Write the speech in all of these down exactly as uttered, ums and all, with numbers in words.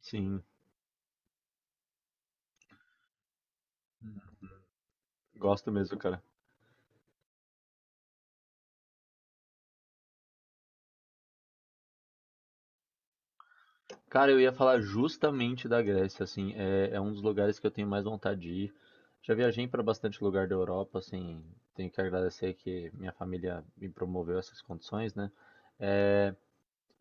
Sim, gosto mesmo, cara. Cara, eu ia falar justamente da Grécia, assim, é, é um dos lugares que eu tenho mais vontade de ir. Já viajei para bastante lugar da Europa, assim, tenho que agradecer que minha família me promoveu essas condições, né? É,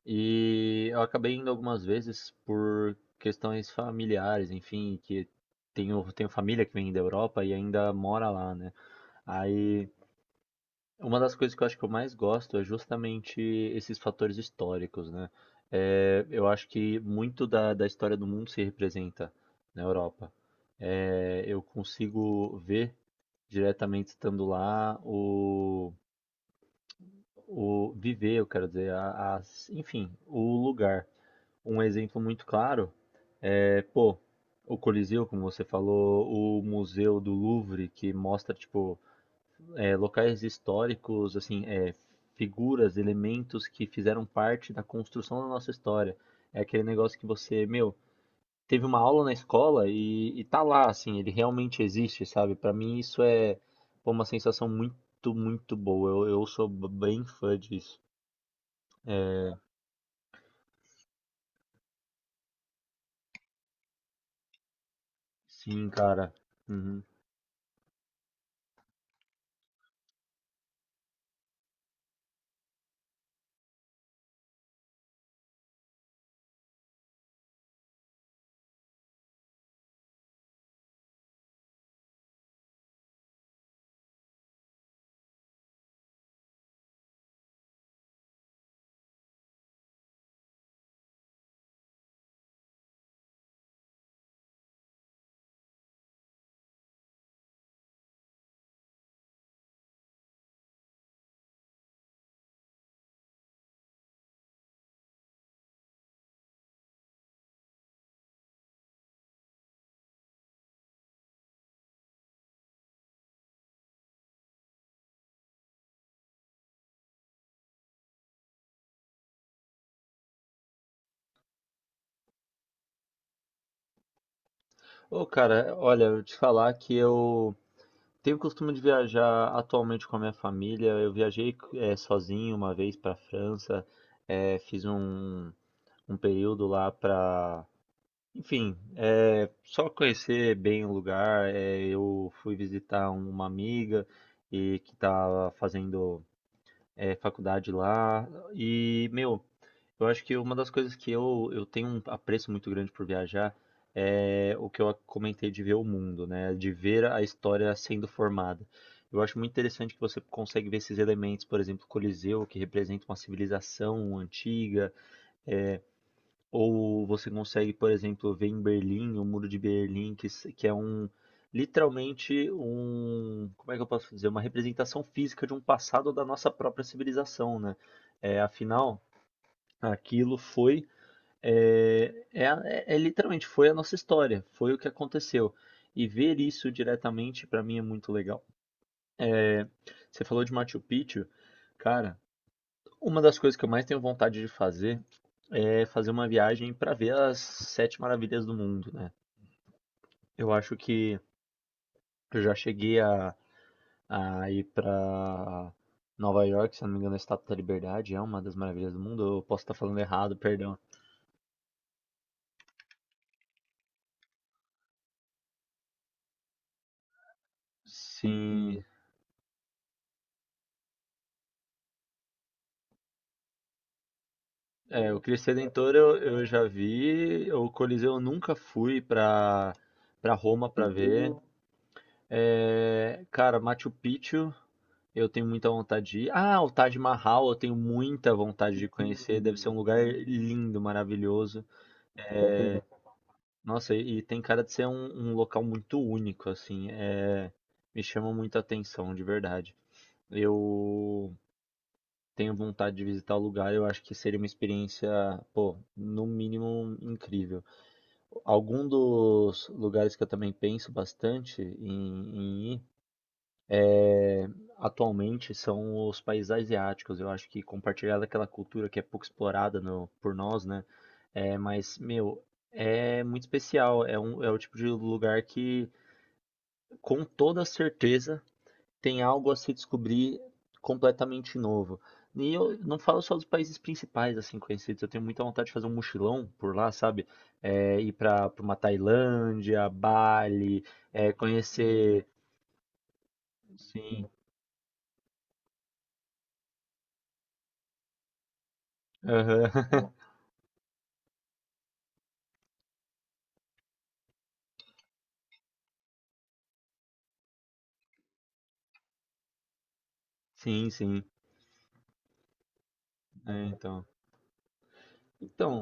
e eu acabei indo algumas vezes por questões familiares, enfim, que tenho, tenho família que vem da Europa e ainda mora lá, né? Aí uma das coisas que eu acho que eu mais gosto é justamente esses fatores históricos, né? Eh, eu acho que muito da, da história do mundo se representa na Europa. Eh, eu consigo ver diretamente estando lá o, o viver, eu quero dizer, a- as, enfim, o lugar. Um exemplo muito claro é, pô, o Coliseu, como você falou, o Museu do Louvre, que mostra, tipo, é, locais históricos, assim, é, figuras, elementos que fizeram parte da construção da nossa história. É aquele negócio que você, meu, teve uma aula na escola e, e tá lá, assim, ele realmente existe, sabe? Pra mim isso é pô, uma sensação muito, muito boa. Eu, eu sou b- bem fã disso. É, sim, cara. Uhum. Ô, cara, olha, eu te falar que eu tenho o costume de viajar atualmente com a minha família. Eu viajei eh, sozinho uma vez para a França, eh, fiz um, um período lá para, enfim, eh, só conhecer bem o lugar. Eh, eu fui visitar uma amiga e que estava fazendo é, faculdade lá. E, meu, eu acho que uma das coisas que eu, eu tenho um apreço muito grande por viajar é o que eu comentei de ver o mundo, né? De ver a história sendo formada. Eu acho muito interessante que você consegue ver esses elementos, por exemplo, o Coliseu, que representa uma civilização antiga, ou você consegue, por exemplo, ver em Berlim, o Muro de Berlim, que, se- que é um literalmente um, como é que eu posso dizer, uma representação física de um passado da nossa própria civilização, né? É, afinal, aquilo foi é, é, a- é- é literalmente foi a nossa história, foi o que aconteceu. E ver isso diretamente para mim é muito legal. É, você falou de Machu Picchu, cara. Uma das coisas que eu mais tenho vontade de fazer é fazer uma viagem para ver as sete maravilhas do mundo, né? Eu acho que eu já cheguei a, a ir para Nova York, se eu não me engano, a Estátua da Liberdade é uma das maravilhas do mundo. Eu posso estar falando errado, perdão. Sim, é, o Cristo Redentor eu, eu já vi, o Coliseu eu nunca fui para para Roma para ver. É, cara, Machu Picchu eu tenho muita vontade de ir. Ah, o Taj Mahal, eu tenho muita vontade de conhecer. Deve ser um lugar lindo, maravilhoso. É, nossa, e e tem cara de ser um, um local muito único, assim. É, me chama muita atenção, de verdade. Eu tenho vontade de visitar o lugar. Eu acho que seria uma experiência, pô, no mínimo incrível. Algum dos lugares que eu também penso bastante em, em ir atualmente são os países asiáticos. Eu acho que compartilhar daquela cultura que é pouco explorada no- por nós, né? É, mas, meu, é muito especial. É, um, é o tipo de lugar que, com toda certeza, tem algo a se descobrir completamente novo. E eu não falo só dos países principais, assim, conhecidos. Eu tenho muita vontade de fazer um mochilão por lá, sabe? É, ir para uma Tailândia, Bali, é, conhecer. Sim. Aham. Sim, sim. É, então. Então,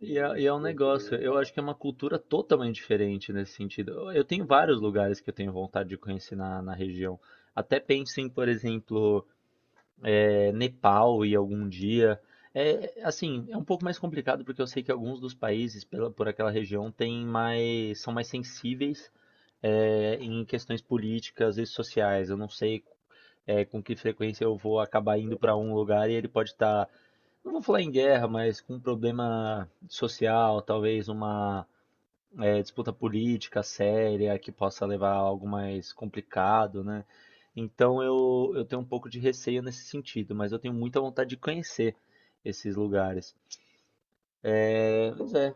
e é, e é um negócio, eu acho que é uma cultura totalmente diferente nesse sentido. Eu eu tenho vários lugares que eu tenho vontade de conhecer na, na região. Até penso em, por exemplo, é, Nepal e algum dia. É, assim, é um pouco mais complicado porque eu sei que alguns dos países pela, por aquela região têm mais, são mais sensíveis é, em questões políticas e sociais. Eu não sei é, com que frequência eu vou acabar indo para um lugar e ele pode estar, não vou falar em guerra, mas com um problema social, talvez uma é, disputa política séria que possa levar a algo mais complicado, né? Então eu, eu tenho um pouco de receio nesse sentido, mas eu tenho muita vontade de conhecer esses lugares. É, pois é,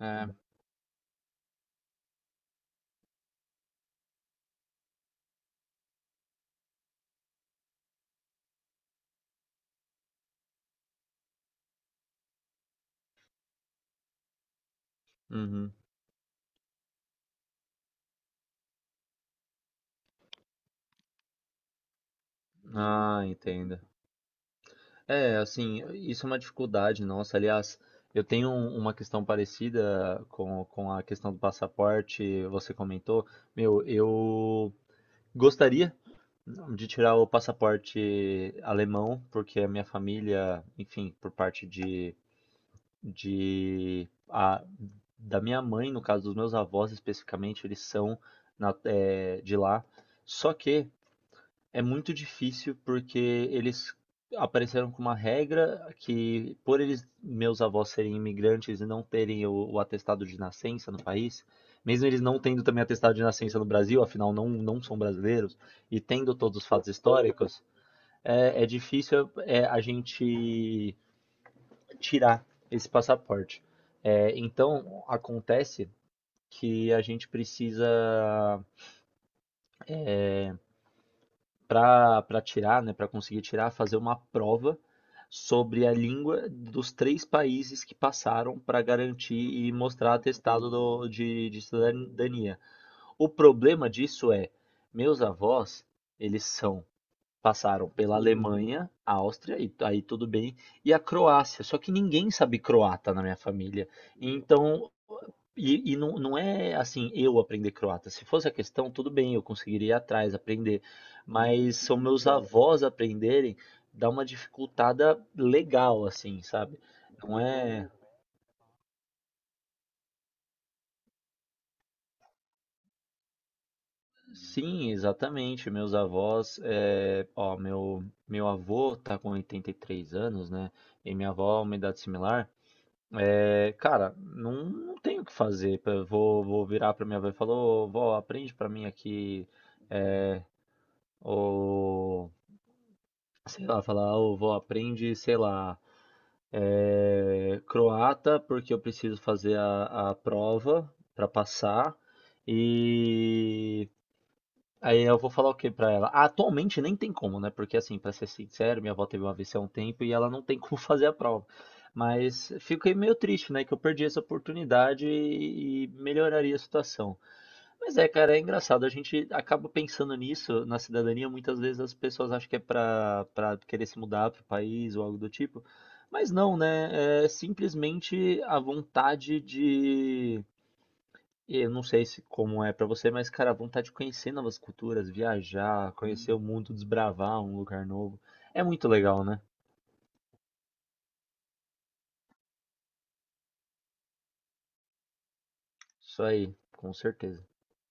é, uhum. Ah, entendo. É, assim, isso é uma dificuldade nossa. Aliás, eu tenho um- uma questão parecida com, com a questão do passaporte, você comentou. Meu, eu gostaria de tirar o passaporte alemão, porque a minha família, enfim, por parte de, de a, da minha mãe, no caso dos meus avós especificamente, eles são na- é, de lá. Só que é muito difícil porque eles apareceram com uma regra que, por eles, meus avós serem imigrantes e não terem o, o atestado de nascença no país, mesmo eles não tendo também atestado de nascença no Brasil, afinal não, não são brasileiros, e tendo todos os fatos históricos, é, é difícil é, a gente tirar esse passaporte. É, então, acontece que a gente precisa para para tirar, né, para conseguir tirar, fazer uma prova sobre a língua dos três países que passaram para garantir e mostrar atestado do, de, de cidadania. O problema disso é, meus avós, eles são passaram pela Alemanha, Áustria, e aí tudo bem, e a Croácia. Só que ninguém sabe croata na minha família. Então, e, e não, não é assim, eu aprender croata. Se fosse a questão, tudo bem, eu conseguiria ir atrás, aprender. Mas são meus avós aprenderem, dá uma dificultada legal, assim, sabe? Não é. Sim, exatamente. Meus avós. É... Ó, meu, meu avô tá com oitenta e três anos, né? E minha avó, uma idade similar. É... Cara, não, não tenho o que fazer. Eu Vou, vou virar pra minha avó e falar: Ô, vó, aprende pra mim aqui. Ô sei lá, falar, ô vó, aprende, sei lá, é, croata, porque eu preciso fazer a, a prova para passar. E aí eu vou falar o que pra ela? Ah, atualmente nem tem como, né? Porque assim, pra ser sincero, minha avó teve uma A V C há um tempo e ela não tem como fazer a prova. Mas fiquei meio triste, né? Que eu perdi essa oportunidade e, e melhoraria a situação. Mas é, cara, é engraçado. A gente acaba pensando nisso na cidadania. Muitas vezes as pessoas acham que é pra, pra querer se mudar pro país ou algo do tipo. Mas não, né? É simplesmente a vontade de. Eu não sei se como é pra você, mas, cara, a vontade de conhecer novas culturas, viajar, conhecer o mundo, desbravar um lugar novo. É muito legal, né? Isso aí, com certeza.